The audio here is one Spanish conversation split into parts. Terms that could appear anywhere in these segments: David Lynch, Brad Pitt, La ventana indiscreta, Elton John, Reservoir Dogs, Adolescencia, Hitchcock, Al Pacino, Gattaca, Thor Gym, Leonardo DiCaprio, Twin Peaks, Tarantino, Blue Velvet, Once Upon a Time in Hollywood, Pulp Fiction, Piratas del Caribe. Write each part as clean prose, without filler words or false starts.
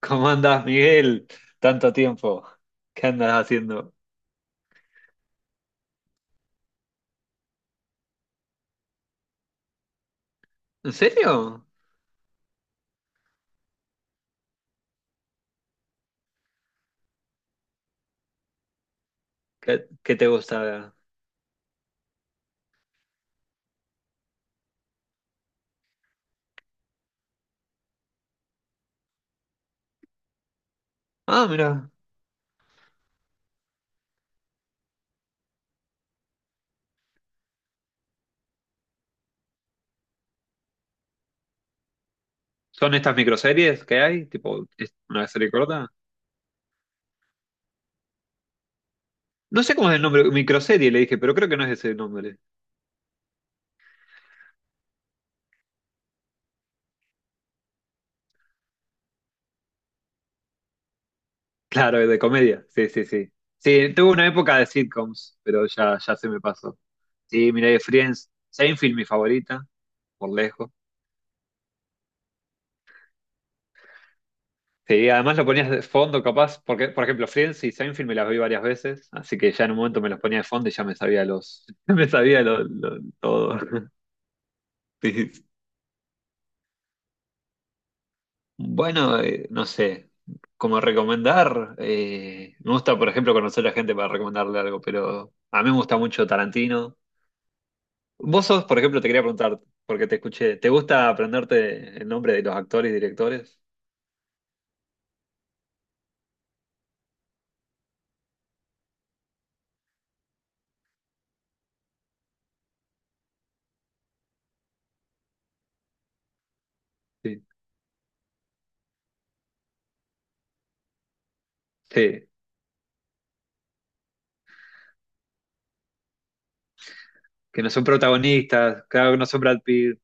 ¿Cómo andás, Miguel? Tanto tiempo. ¿Qué andas haciendo? ¿En serio? ¿Qué te gusta? Ah, mira. ¿Son estas microseries que hay? Tipo, es una serie corta. No sé cómo es el nombre, microserie le dije, pero creo que no es ese nombre. Claro, es de comedia. Sí, sí, sí. Sí, tuve una época de sitcoms, pero ya, ya se me pasó. Sí, miré Friends. Seinfeld, mi favorita, por lejos. Sí, además lo ponías de fondo, capaz, porque, por ejemplo, Friends y Seinfeld me las vi varias veces, así que ya en un momento me los ponía de fondo y ya me sabía los, me sabía todo. Sí. Bueno, no sé, como recomendar, me gusta, por ejemplo, conocer a gente para recomendarle algo, pero a mí me gusta mucho Tarantino. Vos sos, por ejemplo, te quería preguntar, porque te escuché, ¿te gusta aprenderte el nombre de los actores y directores? Sí. Sí, que no son protagonistas, claro que no son Brad Pitt.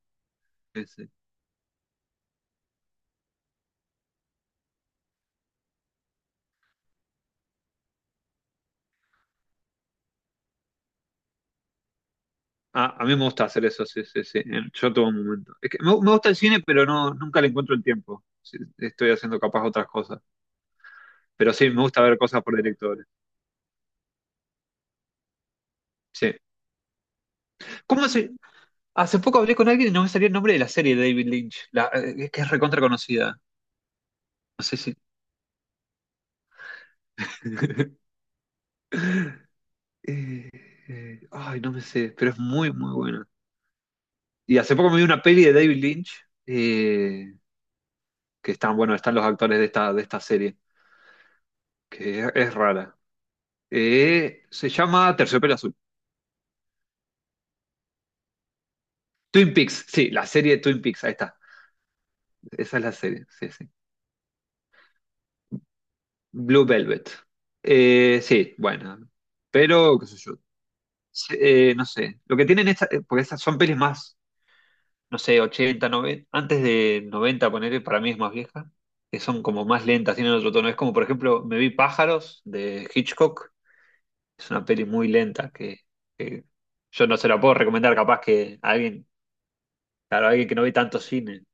Ah, a mí me gusta hacer eso, sí, sí, sí. Yo todo momento. Es que me gusta el cine, pero no, nunca le encuentro el tiempo. Sí, estoy haciendo capaz otras cosas. Pero sí, me gusta ver cosas por directores. Sí. ¿Cómo se...? Hace poco hablé con alguien y no me salía el nombre de la serie de David Lynch, la, que es recontra conocida. No sé si... Eh, ay, no me sé, pero es muy, muy buena. Y hace poco me vi una peli de David Lynch, eh, que están, bueno, están los actores de esta, serie, que es rara. Se llama Terciopelo Azul. Twin Peaks, sí, la serie de Twin Peaks, ahí está. Esa es la serie, sí, sí. Blue Velvet. Sí, bueno. Pero, qué sé yo. Sí, no sé. Lo que tienen estas, porque estas son pelis más, no sé, 80, 90, antes de 90 poner para mí es más vieja, que son como más lentas, tienen otro tono. Es como, por ejemplo, me vi Pájaros de Hitchcock. Es una peli muy lenta que yo no se la puedo recomendar, capaz que a alguien, claro, a alguien que no ve tanto cine.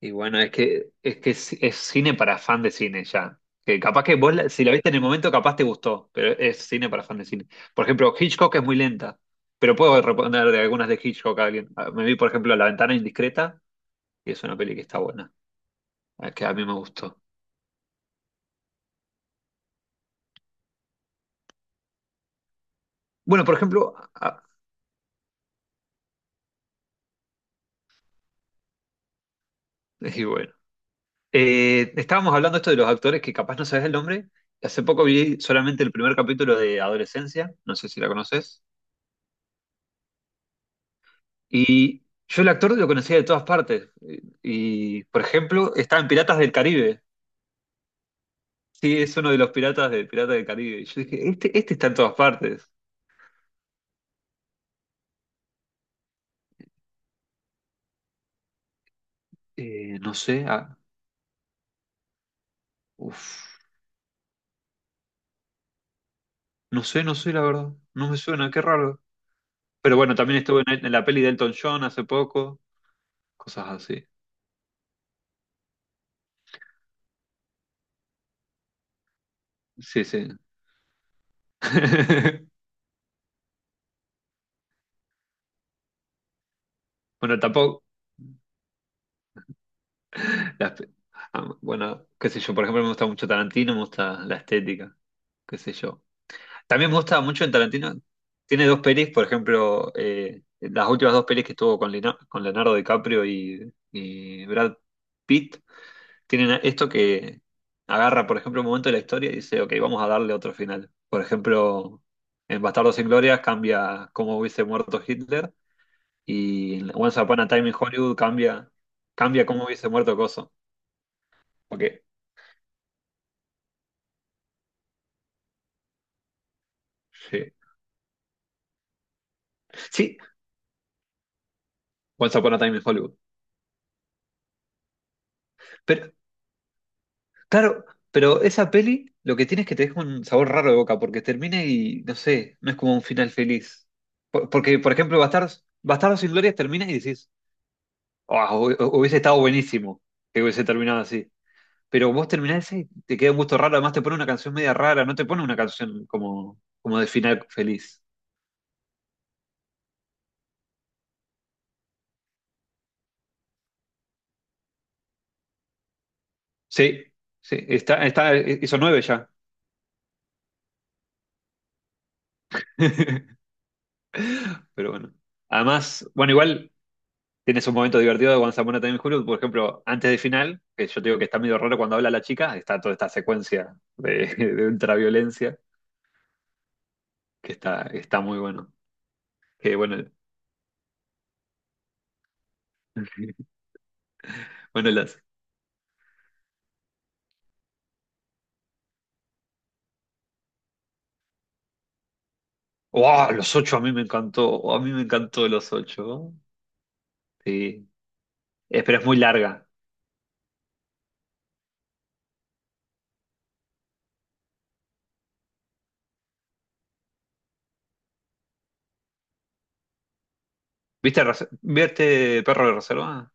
Y bueno, es que es cine para fan de cine ya. Que capaz que vos, si la viste en el momento, capaz te gustó, pero es cine para fan de cine. Por ejemplo, Hitchcock es muy lenta, pero puedo responder de algunas de Hitchcock a alguien. Ah, me vi, por ejemplo, La ventana indiscreta, y es una peli que está buena, ah, que a mí me gustó. Bueno, por ejemplo, y bueno, estábamos hablando esto de los actores que capaz no sabes el nombre. Hace poco vi solamente el primer capítulo de Adolescencia, no sé si la conoces. Y yo el actor lo conocía de todas partes. Y, por ejemplo, está en Piratas del Caribe. Sí, es uno de los piratas de Piratas del Caribe. Y yo dije, este está en todas partes. No sé, uf, no sé, no sé, la verdad. No me suena, qué raro. Pero bueno, también estuvo en, la peli de Elton John hace poco. Cosas así. Sí, sí. Bueno, tampoco. las pe- bueno, qué sé yo, por ejemplo, me gusta mucho Tarantino, me gusta la estética. Qué sé yo. También me gusta mucho en Tarantino. Tiene dos pelis, por ejemplo, las últimas dos pelis que estuvo con Leonardo DiCaprio y Brad Pitt, tienen esto que agarra, por ejemplo, un momento de la historia y dice, ok, vamos a darle otro final. Por ejemplo, en Bastardos sin Gloria cambia cómo hubiese muerto Hitler y en Once Upon a Time in Hollywood cambia cómo hubiese muerto Coso. Ok, sí. Sí, Once Upon a Time in Hollywood. Pero claro, pero esa peli lo que tiene es que te deja un sabor raro de boca porque termina y no sé, no es como un final feliz. Porque, por ejemplo, Bastardos sin Gloria termina y decís, "Ah, hubiese estado buenísimo que hubiese terminado así. Pero vos terminás ese y te queda un gusto raro, además te pone una canción media rara, no te pone una canción como de final feliz. Sí, sí, hizo nueve ya. Pero bueno. Además, bueno, igual. Tienes un momento divertido de Juan Zamora también Julio, por ejemplo, antes del final, que yo te digo que está medio raro cuando habla la chica, está toda esta secuencia de, de ultraviolencia, que está muy bueno. Que bueno, bueno, las. ¡Wow! Los ocho a mí me encantó. A mí me encantó los ocho. Sí. Pero es muy larga. ¿Viste Perro de Reserva?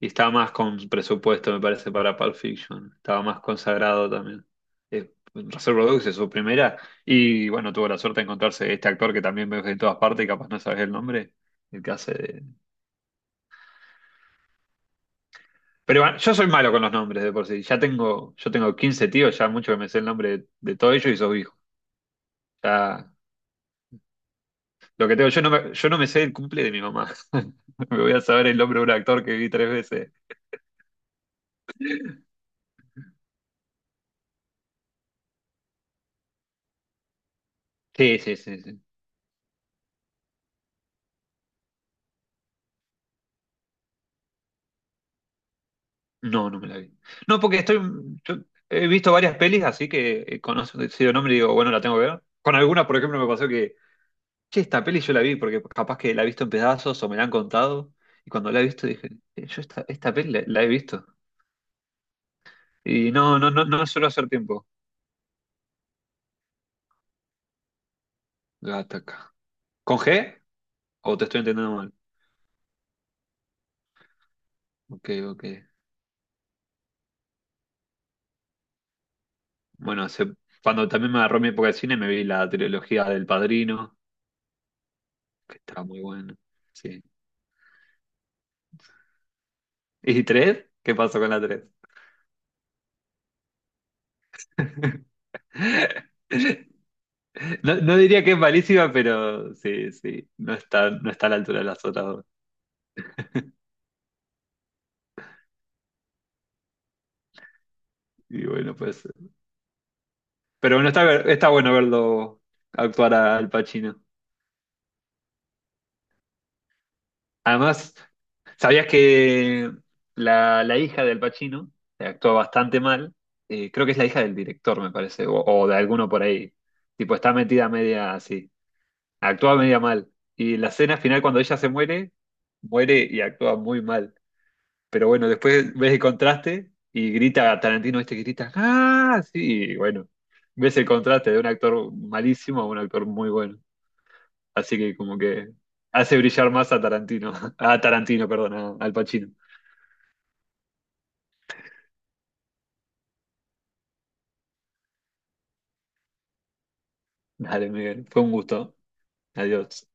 Y estaba más con presupuesto, me parece, para Pulp Fiction. Estaba más consagrado también. Reservoir Dogs es su primera. Y bueno, tuvo la suerte de encontrarse este actor que también ves en todas partes y capaz no sabes el nombre. El que hace de- Pero bueno, yo soy malo con los nombres de por sí. Yo tengo 15 tíos, ya mucho que me sé el nombre de todos ellos y sos hijo. Ya, lo que tengo, yo no me sé el cumple de mi mamá. Me voy a saber el nombre de un actor que vi tres veces. Sí, sí, sí, sí. No, no me la vi. No, porque estoy. Yo he visto varias pelis, así que conozco decido nombre y digo, bueno, la tengo que ver. Con algunas, por ejemplo, me pasó que, che, esta peli yo la vi, porque capaz que la he visto en pedazos o me la han contado. Y cuando la he visto dije, "Yo esta peli la he visto. Y no, no, no, no suelo hacer tiempo. Gattaca. ¿Con G? ¿O te estoy entendiendo mal? Ok, ok. Bueno, cuando también me agarró mi época de cine, me vi la trilogía del Padrino, que estaba muy buena. Sí. ¿Y tres? ¿Qué pasó con la tres? No, no diría que es malísima, pero sí, sí, no está a la altura de las otras dos. Y bueno, pues. Pero bueno, está bueno verlo actuar a Al Pacino. Además, ¿sabías que la hija de Al Pacino actúa bastante mal? Creo que es la hija del director, me parece, o de alguno por ahí. Tipo, está metida media así. Actúa media mal. Y la escena final, cuando ella se muere, muere y actúa muy mal. Pero bueno, después ves el contraste y grita Tarantino este que grita, ¡ah! Sí, y bueno, ves el contraste de un actor malísimo a un actor muy bueno. Así que como que hace brillar más a Tarantino, a Tarantino, perdón, al Pacino. Dale, Miguel, fue un gusto. Adiós.